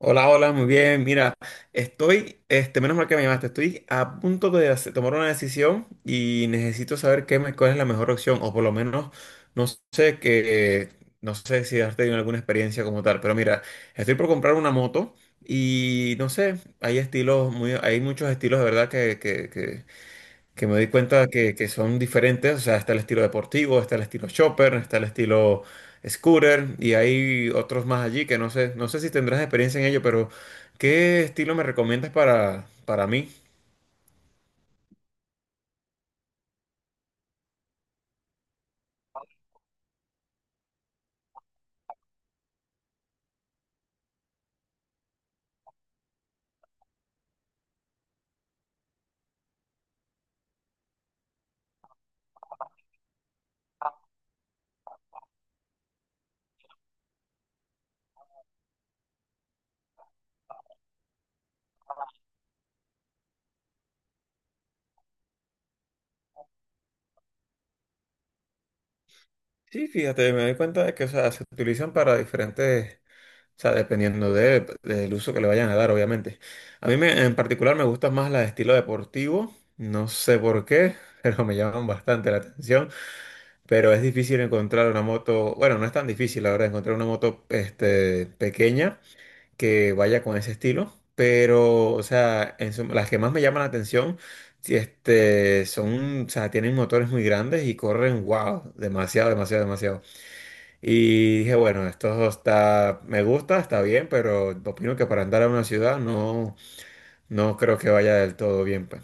Hola, hola, muy bien. Mira, estoy, menos mal que me llamaste, estoy a punto de tomar una decisión y necesito saber cuál es la mejor opción, o por lo menos, no sé que, no sé si has tenido alguna experiencia como tal, pero mira, estoy por comprar una moto y no sé, hay hay muchos estilos de verdad que me doy cuenta que son diferentes, o sea, está el estilo deportivo, está el estilo chopper, está el estilo scooter y hay otros más allí que no sé, no sé si tendrás experiencia en ello, pero ¿qué estilo me recomiendas para mí? Sí, fíjate, me doy cuenta de que, o sea, se utilizan para diferentes, o sea, dependiendo del uso que le vayan a dar, obviamente. A en particular me gusta más la de estilo deportivo, no sé por qué, pero me llaman bastante la atención. Pero es difícil encontrar una moto, bueno, no es tan difícil, la verdad, encontrar una moto pequeña que vaya con ese estilo. Pero, o sea, en suma, las que más me llaman la atención, si, son, o sea, tienen motores muy grandes y corren, wow, demasiado, demasiado, demasiado. Y dije, bueno, esto está, me gusta, está bien, pero opino que para andar a una ciudad no, no creo que vaya del todo bien, pues.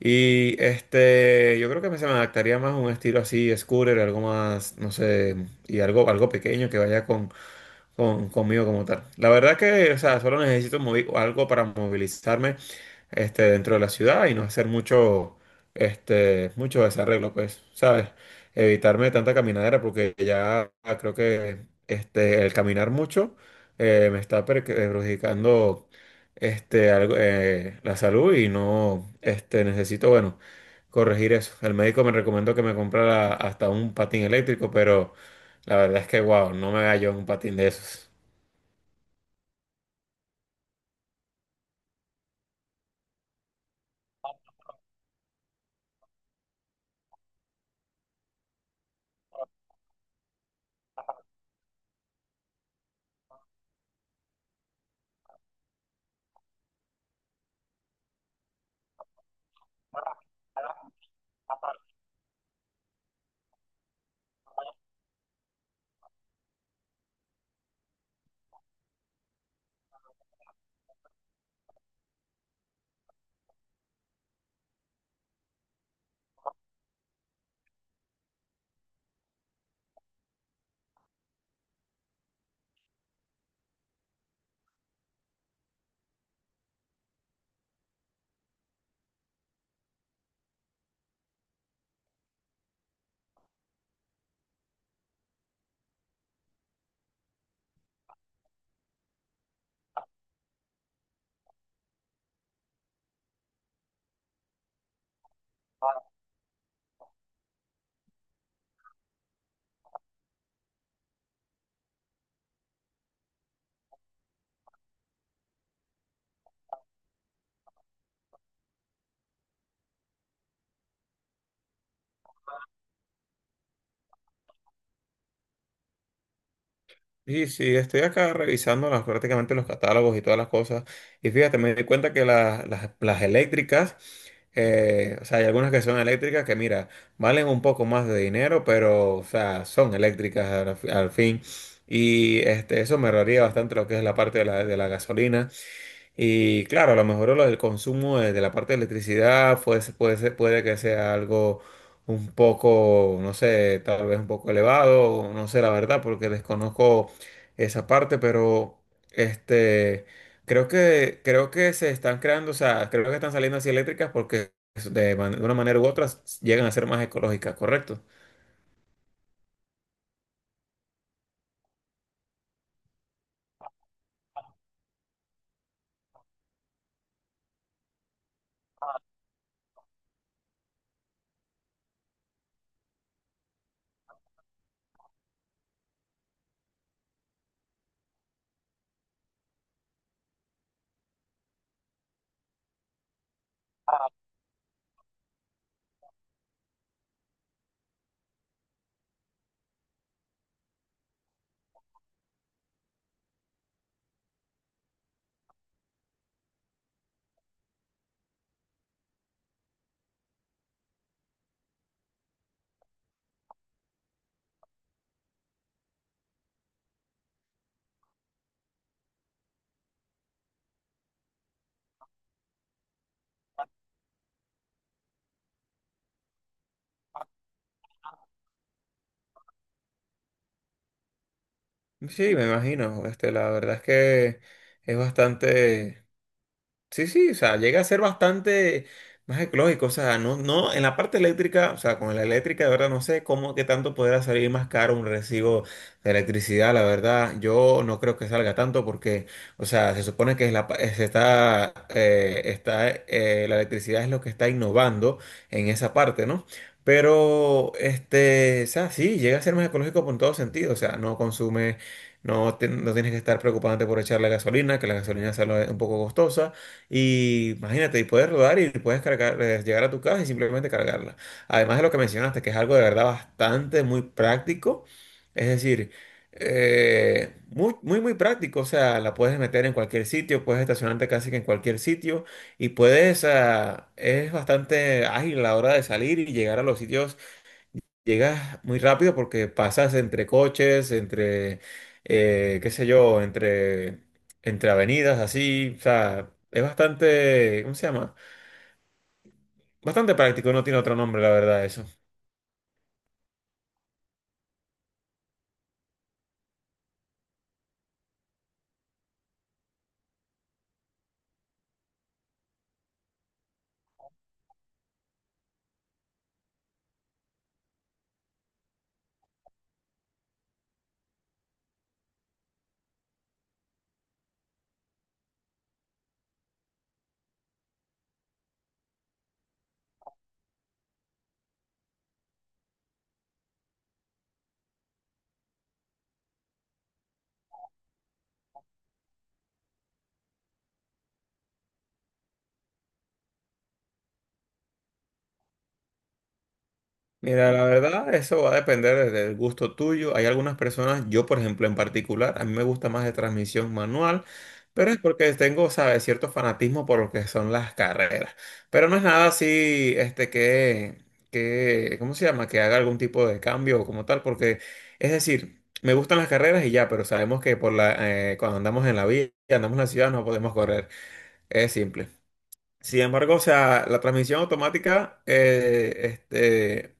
Y yo creo que se me adaptaría más a un estilo así, scooter, algo más, no sé, y algo pequeño que vaya con, conmigo como tal. La verdad que, o sea, solo necesito algo para movilizarme dentro de la ciudad y no hacer mucho, mucho desarreglo, pues, ¿sabes? Evitarme tanta caminadera porque ya creo que el caminar mucho me está perjudicando algo, la salud y no necesito, bueno, corregir eso. El médico me recomendó que me comprara hasta un patín eléctrico, pero la verdad es que, wow, no me hallo en un patín de esos. Sí, sí, estoy acá revisando prácticamente los catálogos y todas las cosas. Y fíjate, me di cuenta que las eléctricas, o sea, hay algunas que son eléctricas que, mira, valen un poco más de dinero, pero, o sea, son eléctricas al, al fin. Y eso me ahorraría bastante lo que es la parte de de la gasolina. Y claro, a lo mejor lo del consumo de la parte de electricidad puede que sea algo un poco, no sé, tal vez un poco elevado, o no sé la verdad, porque desconozco esa parte, pero este, creo que se están creando, o sea, creo que están saliendo así eléctricas porque de una manera u otra llegan a ser más ecológicas, ¿correcto? Sí, me imagino. La verdad es que es bastante. Sí, sí, o sea, llega a ser bastante más ecológico, o sea, no, no, en la parte eléctrica, o sea, con la eléctrica, de verdad, no sé cómo, qué tanto podrá salir más caro un recibo de electricidad, la verdad, yo no creo que salga tanto porque, o sea, se supone que es la, pa- se está, está, la electricidad es lo que está innovando en esa parte, ¿no? Pero, o sea, sí, llega a ser más ecológico por todo sentido, o sea, no consume, no, no tienes que estar preocupándote por echar la gasolina, que la gasolina sale un poco costosa. Y imagínate, y puedes rodar y puedes cargar, llegar a tu casa y simplemente cargarla. Además de lo que mencionaste, que es algo de verdad bastante muy práctico. Es decir, muy, muy, muy práctico. O sea, la puedes meter en cualquier sitio, puedes estacionarte casi que en cualquier sitio y puedes, ah, es bastante ágil a la hora de salir y llegar a los sitios, llegas muy rápido porque pasas entre coches, qué sé yo, entre avenidas, así, o sea, es bastante, ¿cómo se llama? Bastante práctico, no tiene otro nombre, la verdad. Mira, la verdad, eso va a depender del gusto tuyo. Hay algunas personas, yo por ejemplo en particular, a mí me gusta más de transmisión manual, pero es porque tengo, ¿sabes?, cierto fanatismo por lo que son las carreras. Pero no es nada así, que, ¿cómo se llama?, que haga algún tipo de cambio o como tal, porque, es decir, me gustan las carreras y ya, pero sabemos que por cuando andamos en la vía, andamos en la ciudad, no podemos correr. Es simple. Sin embargo, o sea, la transmisión automática,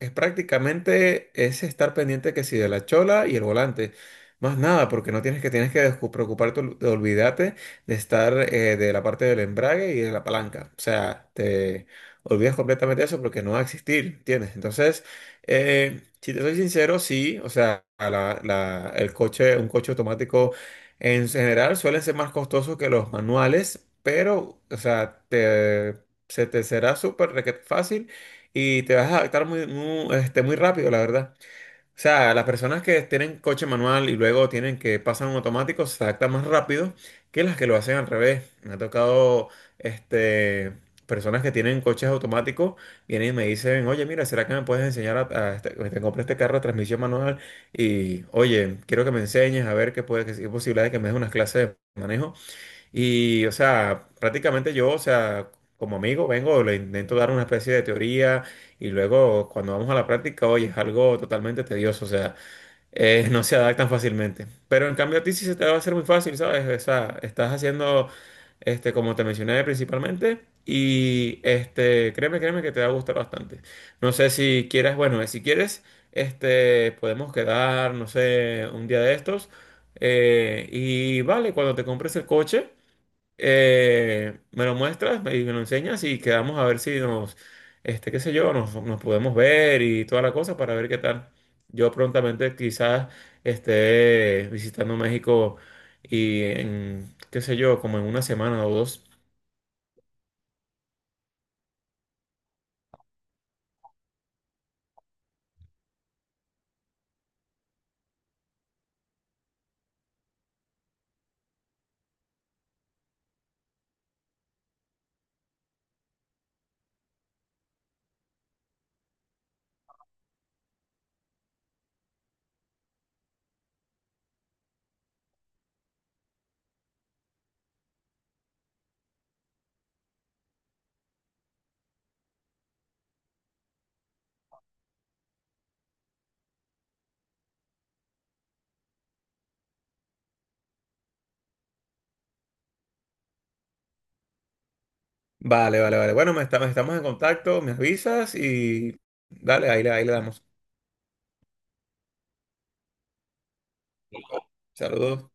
es prácticamente es estar pendiente que si de la chola y el volante. Más nada, porque no tienes que tienes que preocuparte, de olvídate de estar de la parte del embrague y de la palanca. O sea, te olvidas completamente de eso porque no va a existir, ¿entiendes? Entonces, si te soy sincero, sí, o sea, a la- la- el coche, un coche automático en general suelen ser más costosos que los manuales, pero, o sea, se te será súper requete fácil y te vas a adaptar muy, muy rápido, la verdad. O sea, las personas que tienen coche manual y luego tienen que pasar a un automático se adaptan más rápido que las que lo hacen al revés. Me ha tocado este, personas que tienen coches automáticos, vienen y me dicen, oye, mira, ¿será que me puedes enseñar a te compré este carro de transmisión manual? Y, oye, quiero que me enseñes a ver qué posibilidad de que me des unas clases de manejo. Y, o sea, prácticamente yo, o sea, como amigo, vengo, le intento dar una especie de teoría y luego cuando vamos a la práctica, oye, es algo totalmente tedioso, o sea, no se adaptan fácilmente. Pero en cambio a ti sí se te va a hacer muy fácil, ¿sabes? O sea, estás haciendo, como te mencioné principalmente, y créeme, créeme que te va a gustar bastante. No sé si quieres, bueno, si quieres, podemos quedar, no sé, un día de estos, y vale, cuando te compres el coche. Me lo muestras y me lo enseñas y quedamos a ver si nos, qué sé yo, nos podemos ver y toda la cosa para ver qué tal. Yo prontamente quizás esté visitando México y en, qué sé yo, como en una semana o dos. Vale, vale, vale. Bueno, estamos en contacto, me avisas y dale, ahí le damos. Saludos.